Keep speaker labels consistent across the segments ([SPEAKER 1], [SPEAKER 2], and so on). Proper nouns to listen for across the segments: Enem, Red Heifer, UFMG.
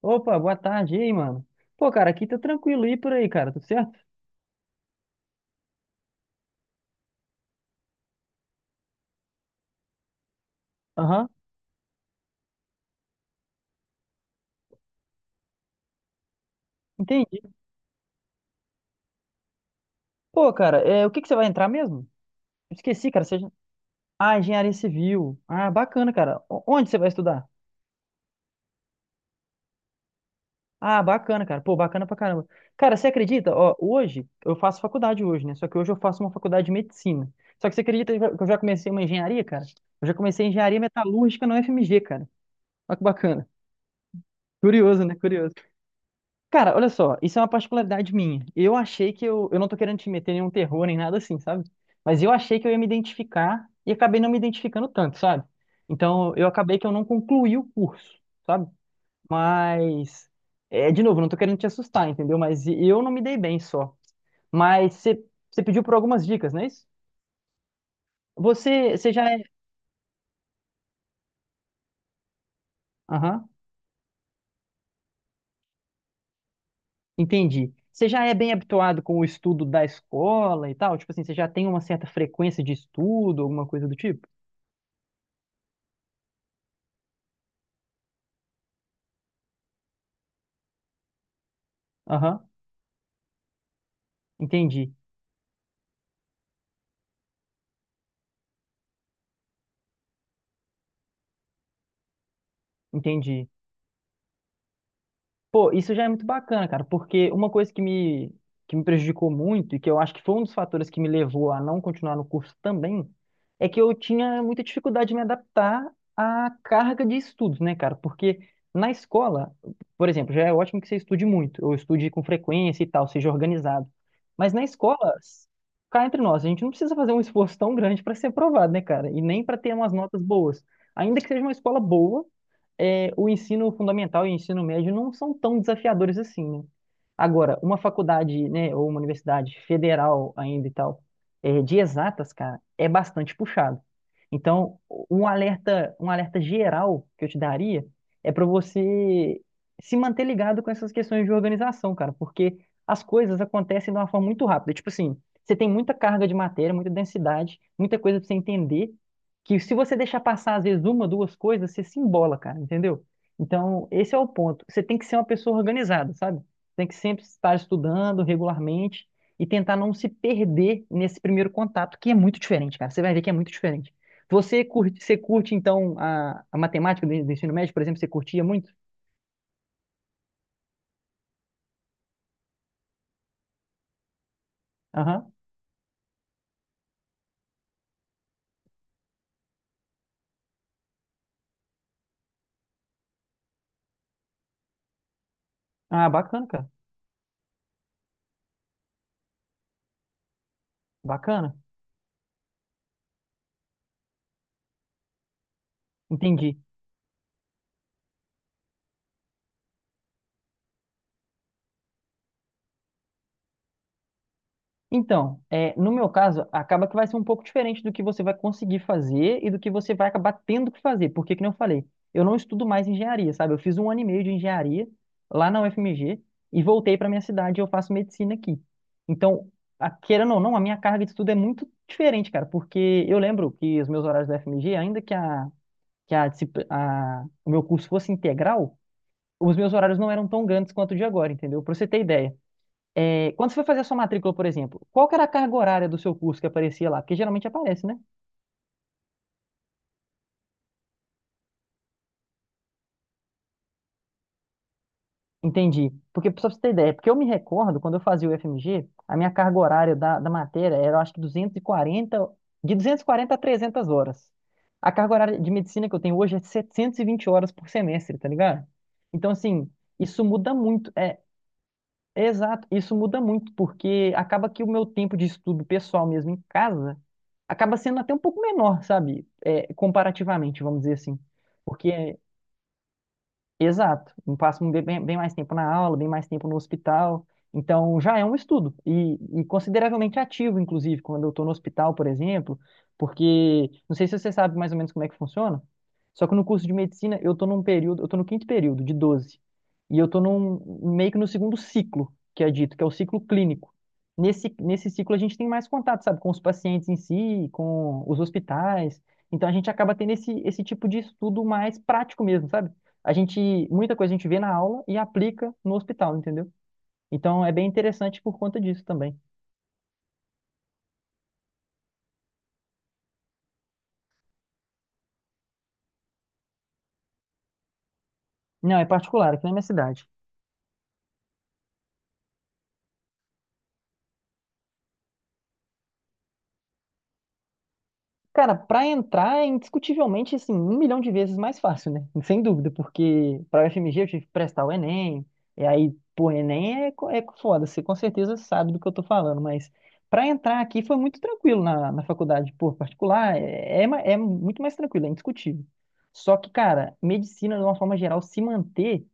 [SPEAKER 1] Opa, boa tarde, e aí, mano? Pô, cara, aqui tá tranquilo, e por aí, cara, tudo certo? Aham, entendi. Pô, cara, o que que você vai entrar mesmo? Esqueci, cara, Ah, engenharia civil. Ah, bacana, cara. Onde você vai estudar? Ah, bacana, cara. Pô, bacana pra caramba. Cara, você acredita? Ó, hoje, eu faço faculdade hoje, né? Só que hoje eu faço uma faculdade de medicina. Só que você acredita que eu já comecei uma engenharia, cara? Eu já comecei engenharia metalúrgica na UFMG, cara. Olha que bacana. Curioso, né? Curioso. Cara, olha só, isso é uma particularidade minha. Eu achei que eu não tô querendo te meter em nenhum terror nem nada assim, sabe? Mas eu achei que eu ia me identificar e acabei não me identificando tanto, sabe? Então eu acabei que eu não concluí o curso, sabe? Mas, é, de novo, não tô querendo te assustar, entendeu? Mas eu não me dei bem só. Mas você pediu por algumas dicas, não é isso? Você, você já é. Aham, entendi. Você já é bem habituado com o estudo da escola e tal? Tipo assim, você já tem uma certa frequência de estudo, alguma coisa do tipo? Aham. Entendi, entendi. Pô, isso já é muito bacana, cara, porque uma coisa que me prejudicou muito e que eu acho que foi um dos fatores que me levou a não continuar no curso também, é que eu tinha muita dificuldade de me adaptar à carga de estudos, né, cara? Porque na escola, por exemplo, já é ótimo que você estude muito, ou estude com frequência e tal, seja organizado. Mas na escola, cá entre nós, a gente não precisa fazer um esforço tão grande para ser aprovado, né, cara? E nem para ter umas notas boas. Ainda que seja uma escola boa é, o ensino fundamental e o ensino médio não são tão desafiadores assim, né? Agora, uma faculdade, né, ou uma universidade federal ainda e tal, é, de exatas, cara, é bastante puxado. Então, um alerta geral que eu te daria é para você se manter ligado com essas questões de organização, cara, porque as coisas acontecem de uma forma muito rápida. Tipo assim, você tem muita carga de matéria, muita densidade, muita coisa para você entender, que se você deixar passar, às vezes, uma, duas coisas, você se embola, cara, entendeu? Então, esse é o ponto. Você tem que ser uma pessoa organizada, sabe? Tem que sempre estar estudando regularmente e tentar não se perder nesse primeiro contato, que é muito diferente, cara. Você vai ver que é muito diferente. Você curte então, a matemática do ensino médio, por exemplo, você curtia muito? Aham. Ah, bacana, cara. Bacana. Entendi. Então, no meu caso, acaba que vai ser um pouco diferente do que você vai conseguir fazer e do que você vai acabar tendo que fazer. Porque, que nem eu falei, eu não estudo mais engenharia, sabe? Eu fiz um ano e meio de engenharia lá na UFMG e voltei para minha cidade e eu faço medicina aqui. Então, querendo ou não, a minha carga de estudo é muito diferente, cara. Porque eu lembro que os meus horários da UFMG, ainda que, o meu curso fosse integral, os meus horários não eram tão grandes quanto o de agora, entendeu? Para você ter ideia. É, quando você foi fazer a sua matrícula, por exemplo, qual que era a carga horária do seu curso que aparecia lá? Porque geralmente aparece, né? Entendi. Porque, só pra você ter ideia, porque eu me recordo, quando eu fazia o FMG, a minha carga horária da matéria era, eu acho que 240 de 240 a 300 horas. A carga horária de medicina que eu tenho hoje é 720 horas por semestre, tá ligado? Então, assim, isso muda muito. Exato, isso muda muito, porque acaba que o meu tempo de estudo pessoal mesmo em casa acaba sendo até um pouco menor, sabe? É, comparativamente, vamos dizer assim. Porque Exato, eu passo bem, bem mais tempo na aula, bem mais tempo no hospital. Então já é um estudo e consideravelmente ativo, inclusive, quando eu estou no hospital, por exemplo, porque não sei se você sabe mais ou menos como é que funciona. Só que no curso de medicina eu estou num período, eu estou no quinto período de 12 e eu estou num meio que no segundo ciclo que é dito, que é o ciclo clínico. Nesse ciclo a gente tem mais contato, sabe, com os pacientes em si, com os hospitais. Então a gente acaba tendo esse tipo de estudo mais prático mesmo, sabe? A gente, muita coisa a gente vê na aula e aplica no hospital, entendeu? Então é bem interessante por conta disso também. Não, é particular, aqui na minha cidade. Cara, pra entrar é indiscutivelmente, assim, 1 milhão de vezes mais fácil, né? Sem dúvida, porque pra UFMG eu tive que prestar o Enem, e aí, pô, é foda, você com certeza sabe do que eu tô falando, mas pra entrar aqui foi muito tranquilo na, na faculdade, pô, particular, é muito mais tranquilo, é indiscutível. Só que, cara, medicina, de uma forma geral, se manter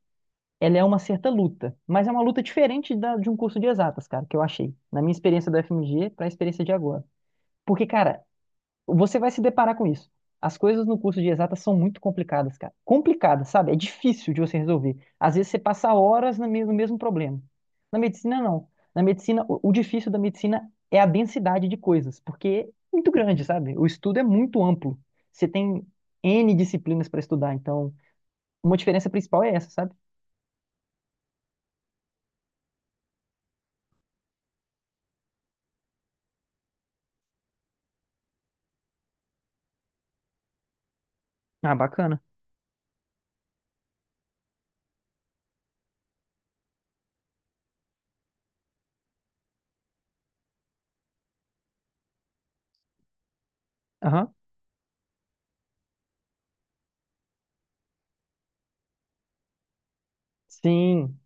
[SPEAKER 1] ela é uma certa luta, mas é uma luta diferente de um curso de exatas, cara, que eu achei, na minha experiência da FMG para a experiência de agora. Porque, cara, você vai se deparar com isso. As coisas no curso de exatas são muito complicadas, cara. Complicadas, sabe? É difícil de você resolver. Às vezes você passa horas no mesmo problema. Na medicina, não. Na medicina, o difícil da medicina é a densidade de coisas, porque é muito grande, sabe? O estudo é muito amplo. Você tem N disciplinas para estudar, então uma diferença principal é essa, sabe? Ah, bacana. Aham. Sim.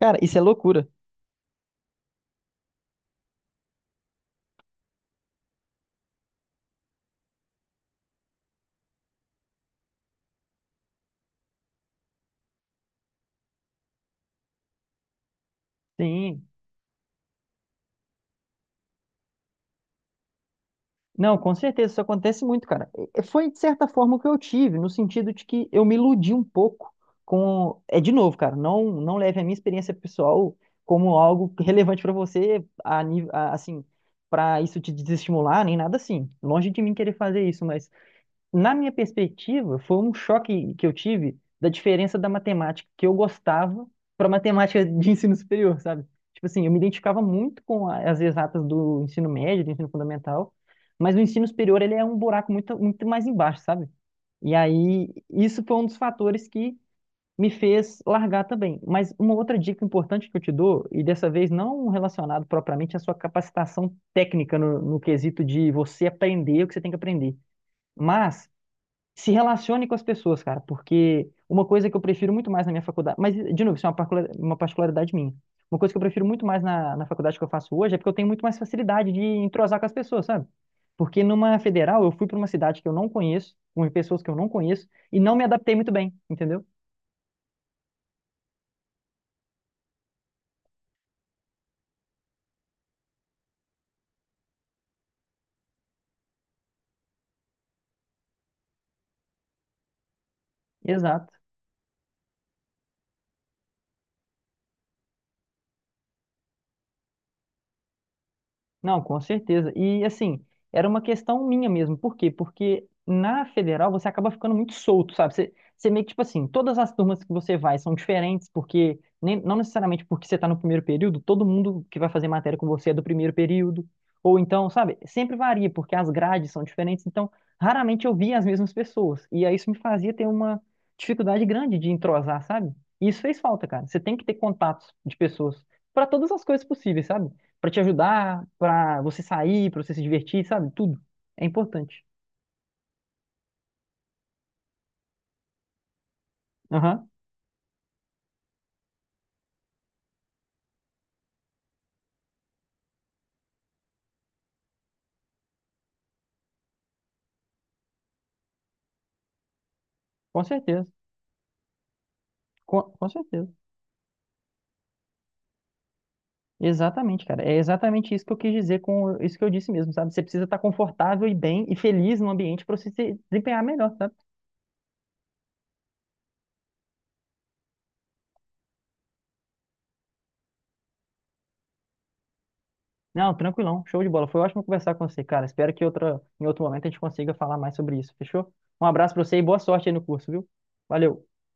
[SPEAKER 1] Cara, isso é loucura. Sim. Não, com certeza, isso acontece muito, cara. Foi, de certa forma, o que eu tive, no sentido de que eu me iludi um pouco com. É de novo, cara, não, não leve a minha experiência pessoal como algo relevante pra você, assim, pra isso te desestimular, nem nada assim. Longe de mim querer fazer isso, mas na minha perspectiva, foi um choque que eu tive da diferença da matemática que eu gostava para matemática de ensino superior, sabe? Tipo assim, eu me identificava muito com as exatas do ensino médio, do ensino fundamental, mas o ensino superior ele é um buraco muito, muito mais embaixo, sabe? E aí, isso foi um dos fatores que me fez largar também. Mas uma outra dica importante que eu te dou, e dessa vez não relacionado propriamente à sua capacitação técnica no quesito de você aprender o que você tem que aprender, mas se relacione com as pessoas, cara, porque uma coisa que eu prefiro muito mais na minha faculdade, mas de novo, isso é uma uma particularidade minha. Uma coisa que eu prefiro muito mais na faculdade que eu faço hoje é porque eu tenho muito mais facilidade de entrosar com as pessoas, sabe? Porque numa federal eu fui para uma cidade que eu não conheço, com pessoas que eu não conheço, e não me adaptei muito bem, entendeu? Exato. Não, com certeza. E assim, era uma questão minha mesmo. Por quê? Porque na federal você acaba ficando muito solto, sabe? Você, você meio que, tipo assim, todas as turmas que você vai são diferentes, porque nem, não necessariamente porque você está no primeiro período, todo mundo que vai fazer matéria com você é do primeiro período. Ou então, sabe? Sempre varia, porque as grades são diferentes, então raramente eu via as mesmas pessoas. E aí isso me fazia ter uma dificuldade grande de entrosar, sabe? E isso fez falta, cara. Você tem que ter contatos de pessoas para todas as coisas possíveis, sabe? Para te ajudar, para você sair, para você se divertir, sabe? Tudo. É importante. Aham, com certeza. Com certeza. Exatamente, cara. É exatamente isso que eu quis dizer com isso que eu disse mesmo, sabe? Você precisa estar confortável e bem e feliz no ambiente para você se desempenhar melhor, sabe? Não, tranquilão. Show de bola. Foi ótimo conversar com você, cara. Espero que outra, em outro momento a gente consiga falar mais sobre isso, fechou? Um abraço pra você e boa sorte aí no curso, viu? Valeu.